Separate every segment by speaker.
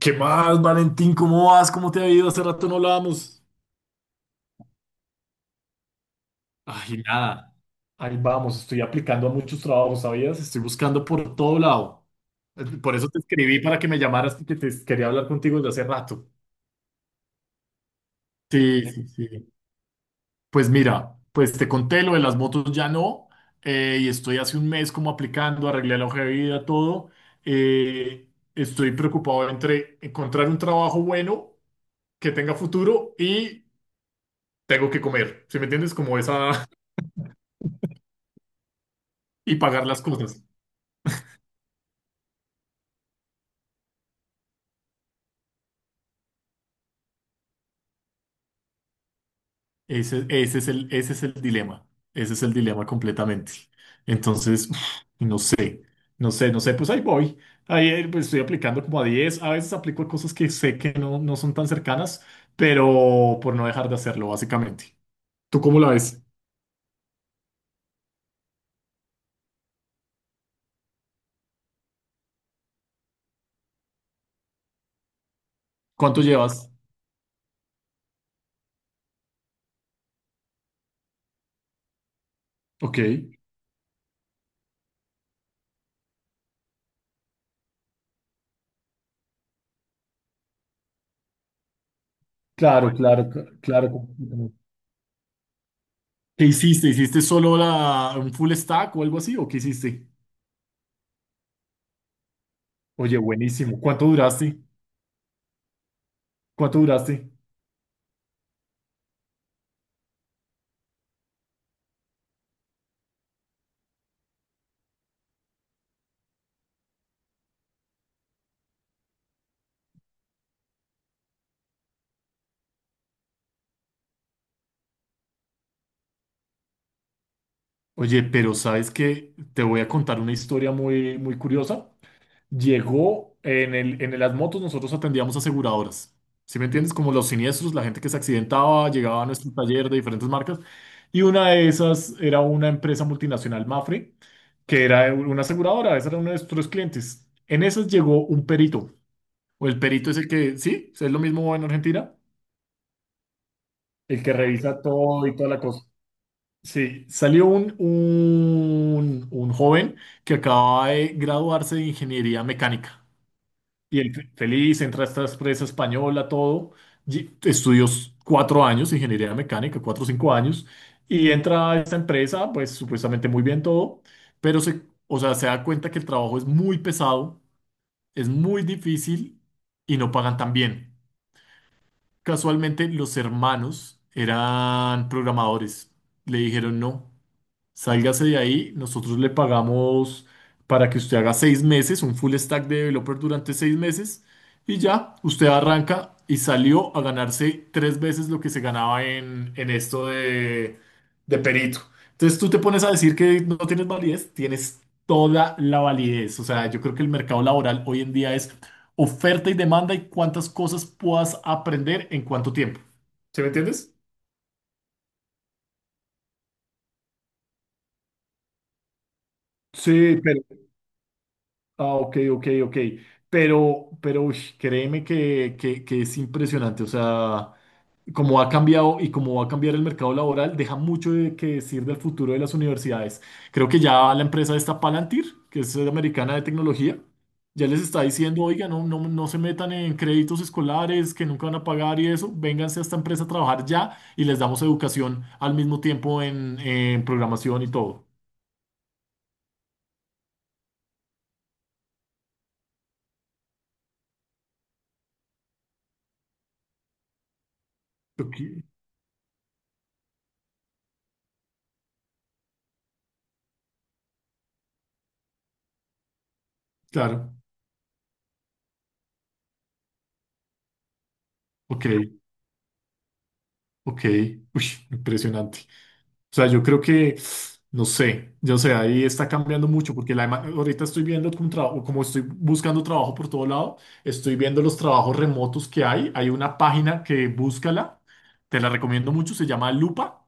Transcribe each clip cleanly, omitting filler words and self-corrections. Speaker 1: ¿Qué más, Valentín? ¿Cómo vas? ¿Cómo te ha ido? Hace rato no hablábamos. Ay, nada. Ahí vamos, estoy aplicando a muchos trabajos, ¿sabías? Estoy buscando por todo lado. Por eso te escribí para que me llamaras, porque te quería hablar contigo desde hace rato. Sí, sí, sí. Pues mira, pues te conté lo de las motos ya no, y estoy hace un mes como aplicando, arreglé la hoja de vida, todo. Estoy preocupado entre encontrar un trabajo bueno, que tenga futuro y tengo que comer. ¿Sí me entiendes? Como esa, y pagar las cosas. Ese es el dilema. Ese es el dilema completamente. Entonces, uf, no sé, no sé, no sé, pues ahí voy. Ahí pues, estoy aplicando como a 10. A veces aplico a cosas que sé que no, no son tan cercanas, pero por no dejar de hacerlo, básicamente. ¿Tú cómo la ves? ¿Cuánto llevas? Ok. Claro, claro, claro. Completamente. ¿Qué hiciste? ¿Hiciste solo la, un full stack o algo así? ¿O qué hiciste? Oye, buenísimo. ¿Cuánto duraste? ¿Cuánto duraste? Oye, pero sabes que te voy a contar una historia muy, muy curiosa. Llegó en el, en las motos, nosotros atendíamos aseguradoras. ¿Sí me entiendes? Como los siniestros, la gente que se accidentaba, llegaba a nuestro taller de diferentes marcas. Y una de esas era una empresa multinacional, Mafre, que era una aseguradora, esa era uno de nuestros clientes. En esas llegó un perito. O el perito es el que, sí, es lo mismo en Argentina, el que revisa todo y toda la cosa. Sí, salió un joven que acaba de graduarse de ingeniería mecánica. Y él feliz, entra a esta empresa española, todo. Y estudió 4 años de ingeniería mecánica, 4 o 5 años. Y entra a esta empresa, pues supuestamente muy bien todo. Pero se, o sea, se da cuenta que el trabajo es muy pesado, es muy difícil y no pagan tan bien. Casualmente, los hermanos eran programadores. Le dijeron no. Sálgase de ahí, nosotros le pagamos para que usted haga 6 meses, un full stack de developer durante 6 meses y ya, usted arranca y salió a ganarse 3 veces lo que se ganaba en esto de perito. Entonces tú te pones a decir que no tienes validez, tienes toda la validez. O sea, yo creo que el mercado laboral hoy en día es oferta y demanda y cuántas cosas puedas aprender en cuánto tiempo. ¿Sí me entiendes? Sí, pero ah, ok, ok, ok. Pero ush, créeme que es impresionante. O sea, como ha cambiado y como va a cambiar el mercado laboral, deja mucho de que decir del futuro de las universidades. Creo que ya la empresa esta Palantir, que es americana de tecnología, ya les está diciendo, oiga, no, no, no se metan en créditos escolares que nunca van a pagar y eso, vénganse a esta empresa a trabajar ya y les damos educación al mismo tiempo en programación y todo. Ok, claro, ok. Ok, uy, impresionante. O sea, yo creo que, no sé, yo sé, ahí está cambiando mucho porque la, ahorita estoy viendo como, trabajo, como estoy buscando trabajo por todo lado, estoy viendo los trabajos remotos que hay. Hay una página que búscala, te la recomiendo mucho, se llama Lupa,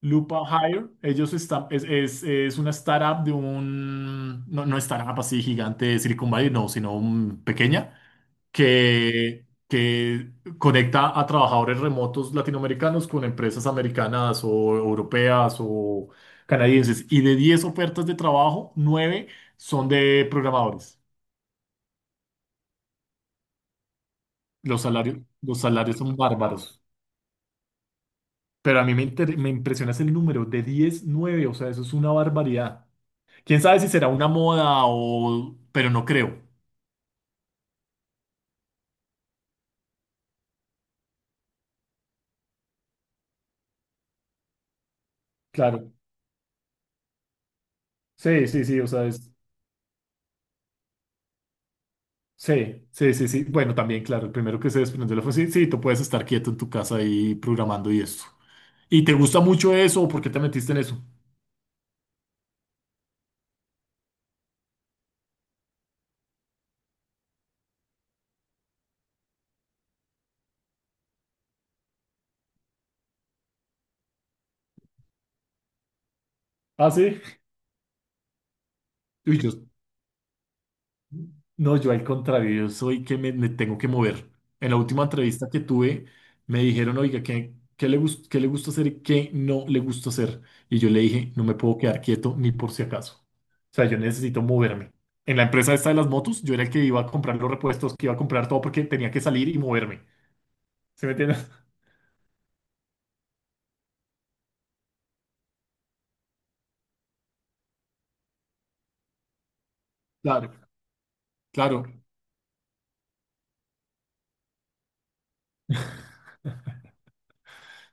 Speaker 1: Lupa Hire. Ellos están, es una startup de un, no, no startup así gigante de Silicon Valley, no, sino pequeña que conecta a trabajadores remotos latinoamericanos con empresas americanas o europeas o canadienses. Y de 10 ofertas de trabajo, 9 son de programadores. Los salarios son bárbaros. Pero a mí me, me impresiona ese número de 10 nueve. O sea, eso es una barbaridad. ¿Quién sabe si será una moda o... pero no creo. Claro. Sí, sí, sí, o sea, es... Sí, sí, sí, sí. Bueno, también, claro, el primero que se desprende fue, sí, sí, tú puedes estar quieto en tu casa ahí programando y esto. ¿Y te gusta mucho eso o por qué te metiste en eso? Ah, sí. Uy, yo, no, yo al contrario, yo soy que me tengo que mover. En la última entrevista que tuve, me dijeron, oiga, ¿qué qué le gusta hacer y qué no le gusta hacer? Y yo le dije, no me puedo quedar quieto ni por si acaso. O sea, yo necesito moverme. En la empresa esta de las motos, yo era el que iba a comprar los repuestos, que iba a comprar todo porque tenía que salir y moverme. ¿Sí me entiendes? Claro, claro.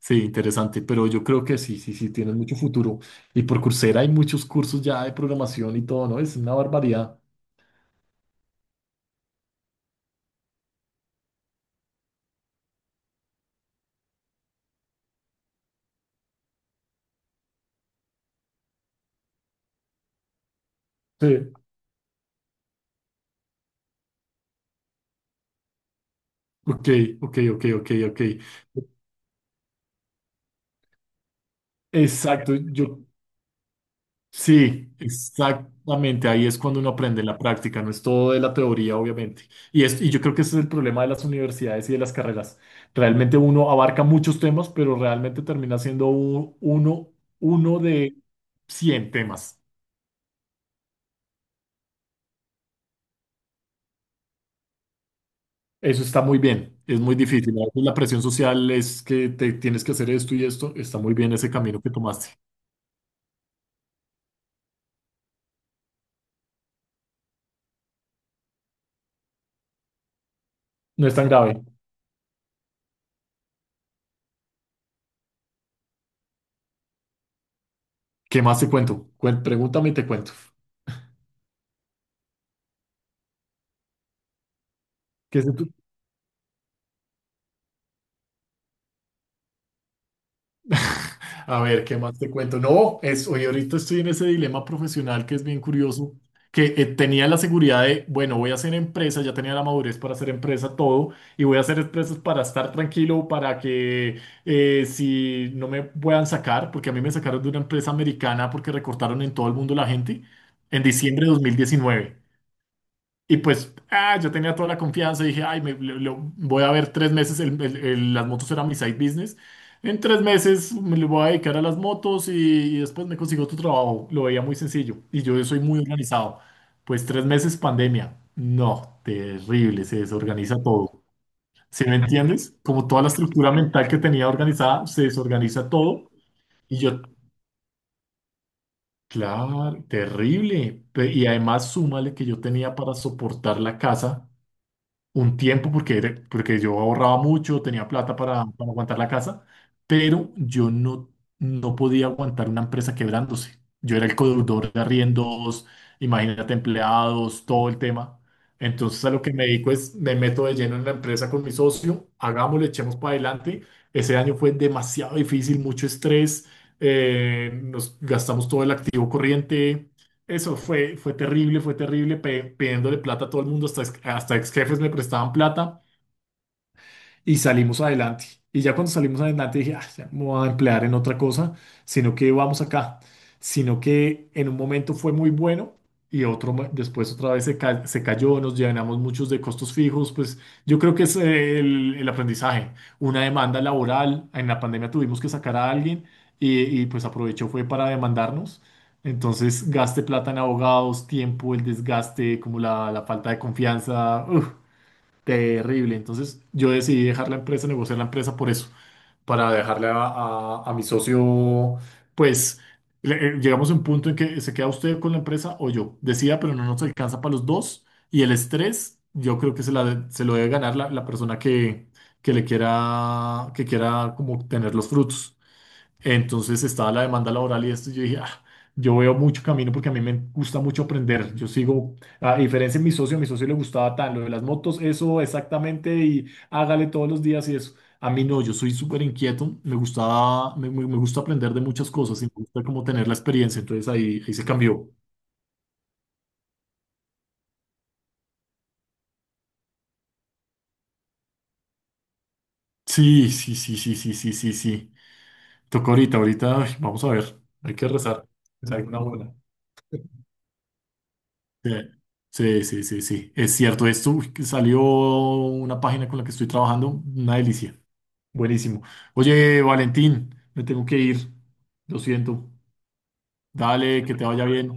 Speaker 1: Sí, interesante, pero yo creo que sí, sí, sí, tienes mucho futuro. Y por Coursera hay muchos cursos ya de programación y todo, ¿no? Es una barbaridad. Sí. Ok, ok, ok, ok, ok. Exacto, yo sí, exactamente. Ahí es cuando uno aprende en la práctica, no es todo de la teoría, obviamente. Y, es, y yo creo que ese es el problema de las universidades y de las carreras. Realmente uno abarca muchos temas, pero realmente termina siendo uno, uno de 100 temas. Eso está muy bien, es muy difícil. A veces la presión social es que te tienes que hacer esto y esto. Está muy bien ese camino que tomaste. No es tan grave. ¿Qué más te cuento? Pregúntame y te cuento. ¿Qué es a ver, ¿qué más te cuento? No, es, hoy ahorita estoy en ese dilema profesional que es bien curioso, que tenía la seguridad de, bueno, voy a hacer empresa, ya tenía la madurez para hacer empresa todo, y voy a hacer empresas para estar tranquilo, para que si no me puedan sacar, porque a mí me sacaron de una empresa americana porque recortaron en todo el mundo la gente en diciembre de 2019. Y pues, ah, yo tenía toda la confianza y dije, ay, me, voy a ver 3 meses, las motos eran mi side business. En 3 meses me le voy a dedicar a las motos y después me consigo otro trabajo. Lo veía muy sencillo y yo soy muy organizado. Pues 3 meses pandemia. No, terrible, se desorganiza todo. ¿Sí me entiendes? Como toda la estructura mental que tenía organizada, se desorganiza todo. Y yo, claro, terrible. Y además súmale que yo tenía para soportar la casa un tiempo porque, porque yo ahorraba mucho, tenía plata para, aguantar la casa, pero yo no, no podía aguantar una empresa quebrándose. Yo era el codeudor de arriendos, imagínate empleados, todo el tema. Entonces a lo que me dedico es, me meto de lleno en la empresa con mi socio, hagámoslo, echemos para adelante. Ese año fue demasiado difícil, mucho estrés, nos gastamos todo el activo corriente, eso fue, fue terrible, pidiéndole plata a todo el mundo, hasta ex jefes me prestaban plata y salimos adelante. Y ya cuando salimos adelante dije: "Ah, ya no me voy a emplear en otra cosa, sino que vamos acá, sino que en un momento fue muy bueno y otro después otra vez se, se cayó, nos llenamos muchos de costos fijos, pues yo creo que es el aprendizaje, una demanda laboral, en la pandemia tuvimos que sacar a alguien y pues aprovechó fue para demandarnos. Entonces, gaste plata en abogados, tiempo, el desgaste, como la falta de confianza. Uf, terrible. Entonces yo decidí dejar la empresa, negociar la empresa por eso, para dejarle a, a mi socio, pues llegamos a un punto en que se queda usted con la empresa o yo. Decía, pero no nos alcanza para los dos. Y el estrés, yo creo que se, se lo debe ganar la, la persona que le quiera, que quiera como tener los frutos. Entonces estaba la demanda laboral y esto, y yo dije: "Ah, yo veo mucho camino porque a mí me gusta mucho aprender. Yo sigo, a diferencia de mi socio, a mi socio le gustaba tan lo de las motos, eso exactamente, y hágale todos los días y eso. A mí no, yo soy súper inquieto, me gustaba, me, me gusta aprender de muchas cosas y me gusta como tener la experiencia, entonces ahí, ahí se cambió. Sí, sí, sí, sí, sí, sí, sí, sí. Toca ahorita, ahorita, ay, vamos a ver, hay que rezar que salga una buena. Sí, sí, sí, sí. Sí. Es cierto. Esto uy, que salió una página con la que estoy trabajando. Una delicia. Buenísimo. Oye, Valentín, me tengo que ir. Lo siento. Dale, que te vaya bien.